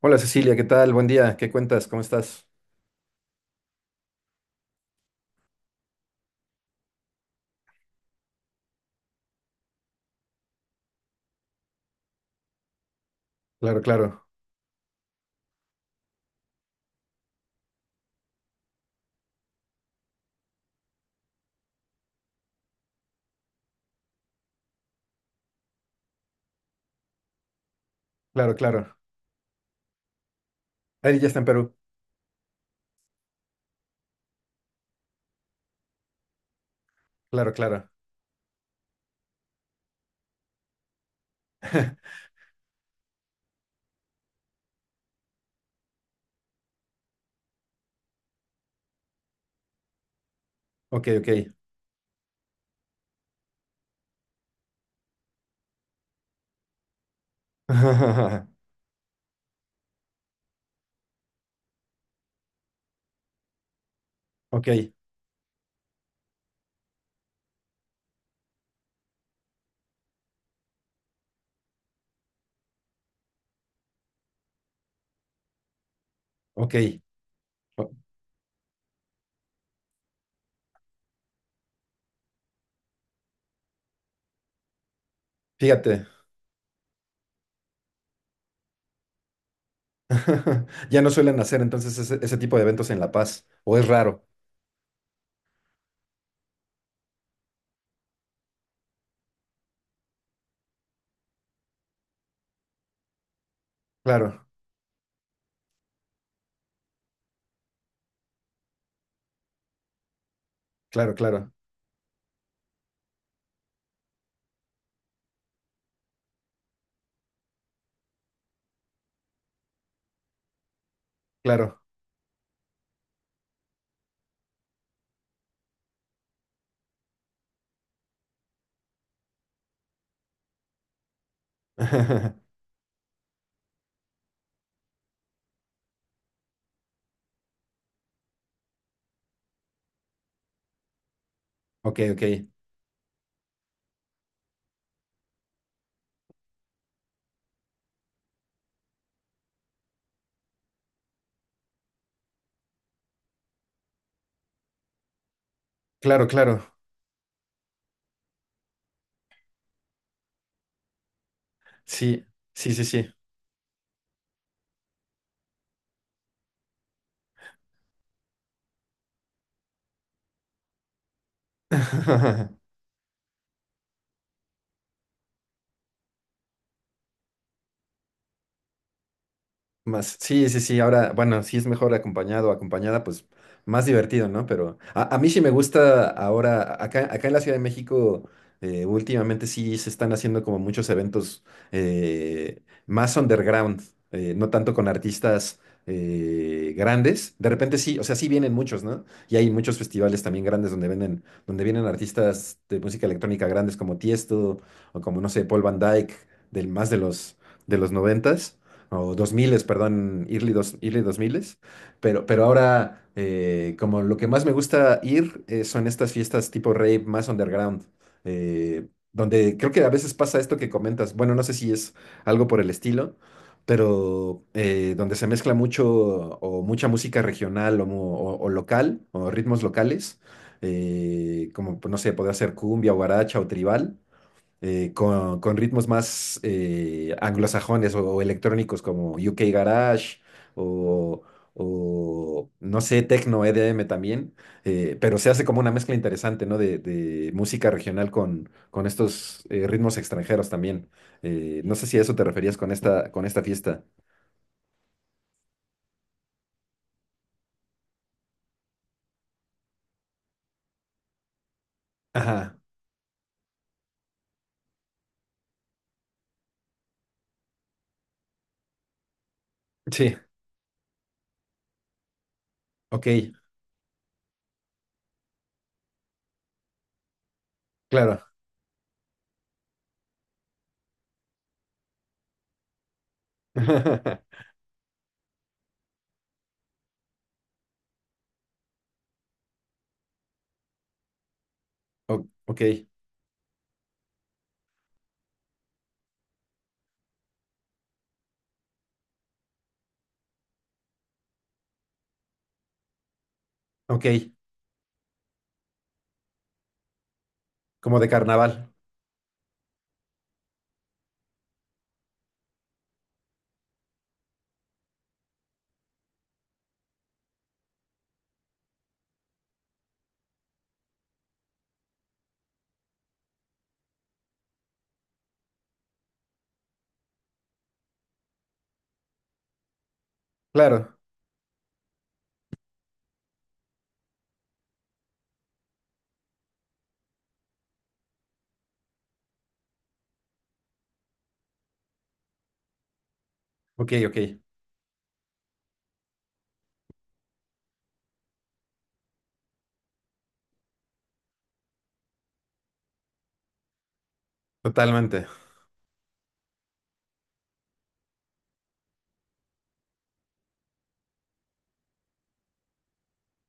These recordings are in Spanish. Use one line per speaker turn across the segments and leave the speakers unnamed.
Hola Cecilia, ¿qué tal? Buen día, ¿qué cuentas? ¿Cómo estás? Claro, claro, claro, claro. Ari ya está en Perú. Claro, claro. Ok, ok. Ok, ok. O- Fíjate. Ya no suelen hacer entonces ese tipo de eventos en La Paz, o es raro. Claro, claro, claro, claro. Ok, ok. Claro, claro. Sí, sí, sí, sí. Más, sí, sí, sí, ahora, bueno, si es mejor acompañado o acompañada, pues más divertido, ¿no? Pero a mí sí me gusta ahora, acá en la Ciudad de México. Últimamente sí se están haciendo como muchos eventos, más underground, no tanto con artistas grandes. De repente sí, o sea, sí vienen muchos, ¿no? Y hay muchos festivales también grandes donde venden, donde vienen artistas de música electrónica grandes como Tiesto o, como no sé, Paul Van Dyke, del más de los noventas o 2000, perdón, early 2000. Pero ahora, como lo que más me gusta ir, son estas fiestas tipo rave más underground, eh, donde creo que a veces pasa esto que comentas. Bueno, no sé si es algo por el estilo, pero, donde se mezcla mucho o mucha música regional o, o local o ritmos locales, como, pues no sé, podría ser cumbia, guaracha o tribal, con ritmos más, anglosajones o electrónicos, como UK Garage o, no sé, Tecno EDM también. Pero se hace como una mezcla interesante, ¿no? De música regional con estos, ritmos extranjeros también. No sé si a eso te referías con esta fiesta. Ajá, sí, ok, claro. Ok, ok, como de carnaval. Claro, ok, ok, totalmente.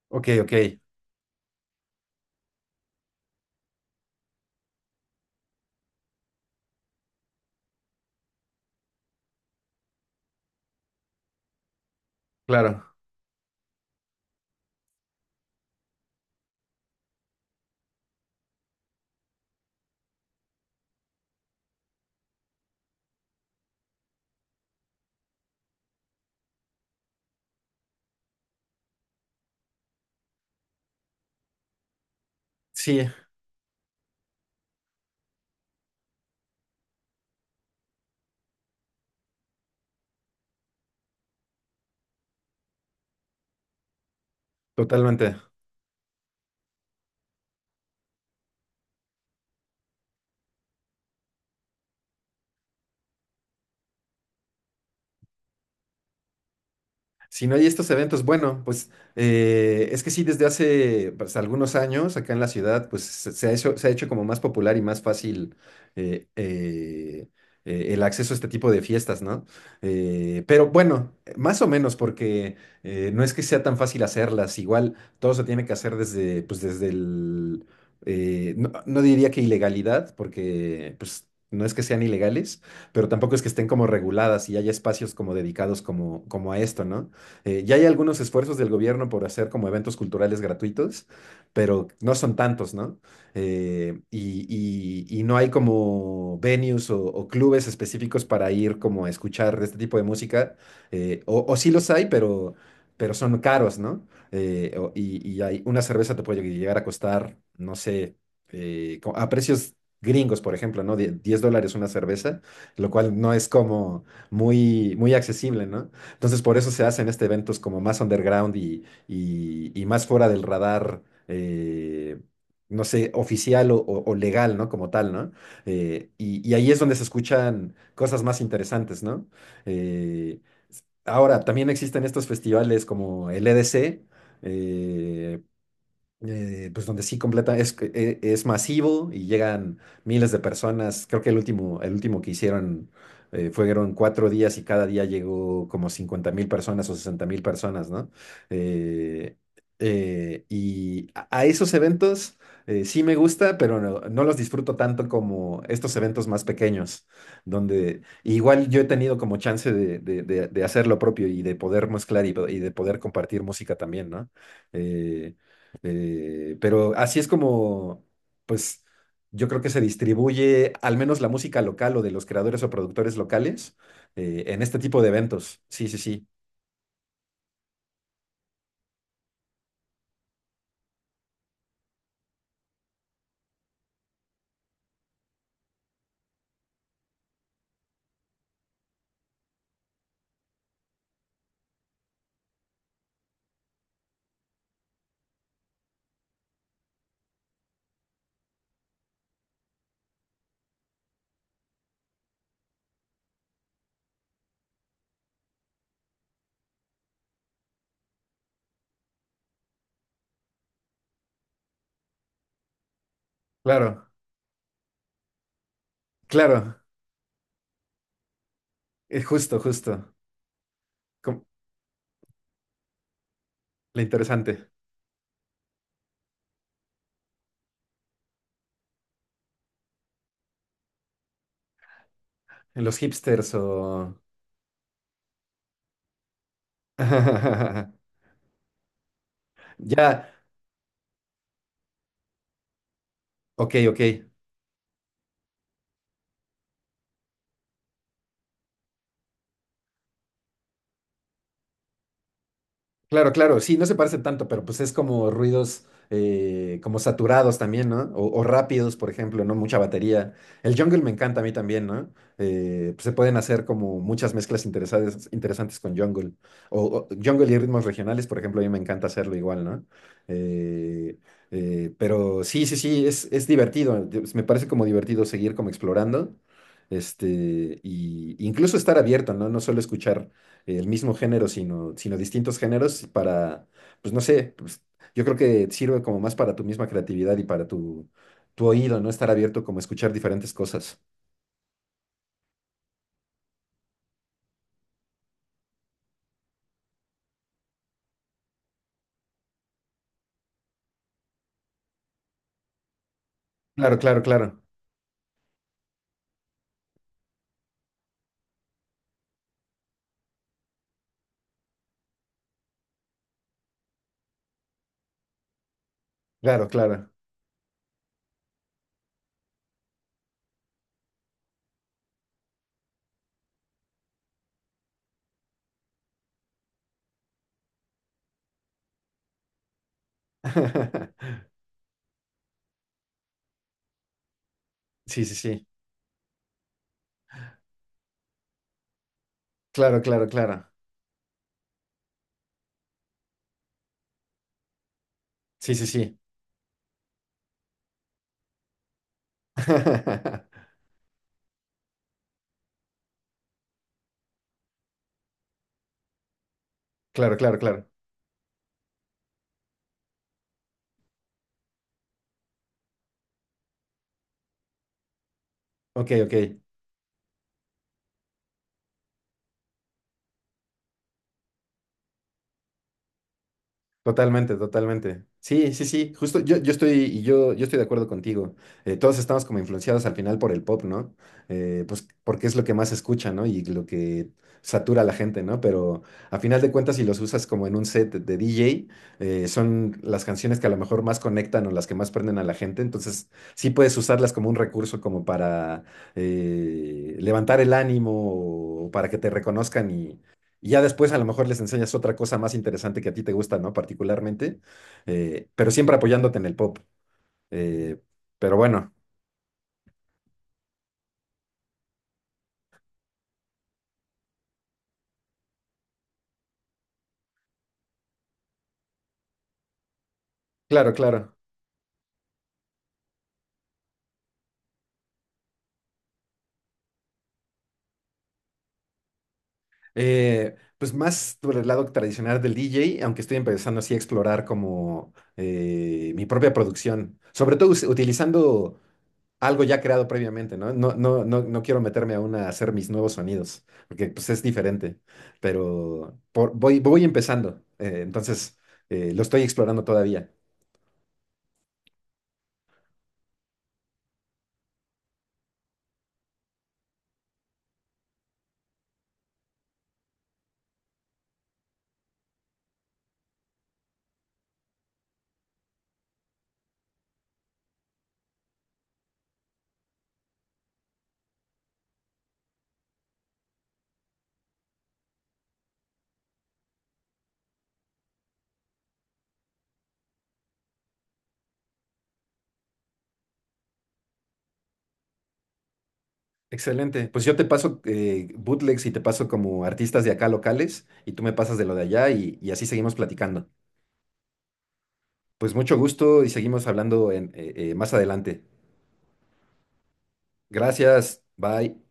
Ok, ok, claro. Sí, totalmente. Si no hay estos eventos, bueno, pues, es que sí, desde hace, pues, algunos años acá en la ciudad, pues se ha hecho como más popular y más fácil, eh, eh, el acceso a este tipo de fiestas, ¿no? Pero bueno, más o menos, porque, no es que sea tan fácil hacerlas, igual todo se tiene que hacer desde, pues desde el, no diría que ilegalidad, porque, pues, no es que sean ilegales, pero tampoco es que estén como reguladas y haya espacios como dedicados, como a esto, ¿no? Ya hay algunos esfuerzos del gobierno por hacer como eventos culturales gratuitos, pero no son tantos, ¿no? Y no hay como venues o clubes específicos para ir como a escuchar este tipo de música, o sí los hay, pero son caros, ¿no? Y hay, una cerveza te puede llegar a costar, no sé, a precios gringos, por ejemplo, ¿no? $10 una cerveza, lo cual no es como muy, muy accesible, ¿no? Entonces, por eso se hacen este eventos como más underground y más fuera del radar, no sé, oficial o legal, ¿no? Como tal, ¿no? Y ahí es donde se escuchan cosas más interesantes, ¿no? Eh, ahora, también existen estos festivales como el EDC. eh, pues donde sí completa, es, que, es masivo y llegan miles de personas. Creo que el último que hicieron, fueron 4 días y cada día llegó como 50.000 personas o 60.000 personas, ¿no? Eh, y a esos eventos, sí me gusta, pero no los disfruto tanto como estos eventos más pequeños, donde igual yo he tenido como chance de hacer lo propio y de poder mezclar y de poder compartir música también, ¿no? Eh, pero así es como, pues, yo creo que se distribuye al menos la música local o de los creadores o productores locales, en este tipo de eventos. Sí, sí, sí. Claro, claro. Justo, justo. Com- lo interesante. En los hipsters o... Ya, ok, ok. Claro, claro, sí, no se parecen tanto, pero pues es como ruidos, como saturados también, ¿no? O rápidos, por ejemplo, ¿no? Mucha batería. El jungle me encanta a mí también, ¿no? Pues se pueden hacer como muchas mezclas interesantes con jungle. O jungle y ritmos regionales, por ejemplo, a mí me encanta hacerlo igual, ¿no? Eh, pero sí, sí, sí, es divertido. Me parece como divertido seguir como explorando. Este, y incluso estar abierto, ¿no? No solo escuchar el mismo género, sino distintos géneros para, pues no sé, pues, yo creo que sirve como más para tu misma creatividad y para tu oído, ¿no? Estar abierto como a escuchar diferentes cosas. Claro, claro, claro, claro, claro. Sí, sí, sí. Claro, claro, claro. Sí, sí, sí. Claro, claro, claro. Ok, ok. Totalmente, totalmente. Sí, sí, sí, justo yo estoy de acuerdo contigo. Todos estamos como influenciados al final por el pop, ¿no? Pues porque es lo que más se escucha, ¿no? Y lo que satura a la gente, ¿no? Pero a final de cuentas, si los usas como en un set de DJ, son las canciones que a lo mejor más conectan o las que más prenden a la gente. Entonces, sí puedes usarlas como un recurso como para, levantar el ánimo o para que te reconozcan, y ya después a lo mejor les enseñas otra cosa más interesante que a ti te gusta, ¿no? Particularmente, pero siempre apoyándote en el pop. Eh, pero bueno, claro, claro. Pues más por el lado tradicional del DJ, aunque estoy empezando así a explorar como, mi propia producción, sobre todo utilizando algo ya creado previamente, ¿no? No, no, no, no quiero meterme aún a hacer mis nuevos sonidos, porque pues es diferente, pero voy empezando, entonces, lo estoy explorando todavía. Excelente. Pues yo te paso, bootlegs y te paso como artistas de acá locales y tú me pasas de lo de allá, y así seguimos platicando. Pues mucho gusto y seguimos hablando, más adelante. Gracias. Bye.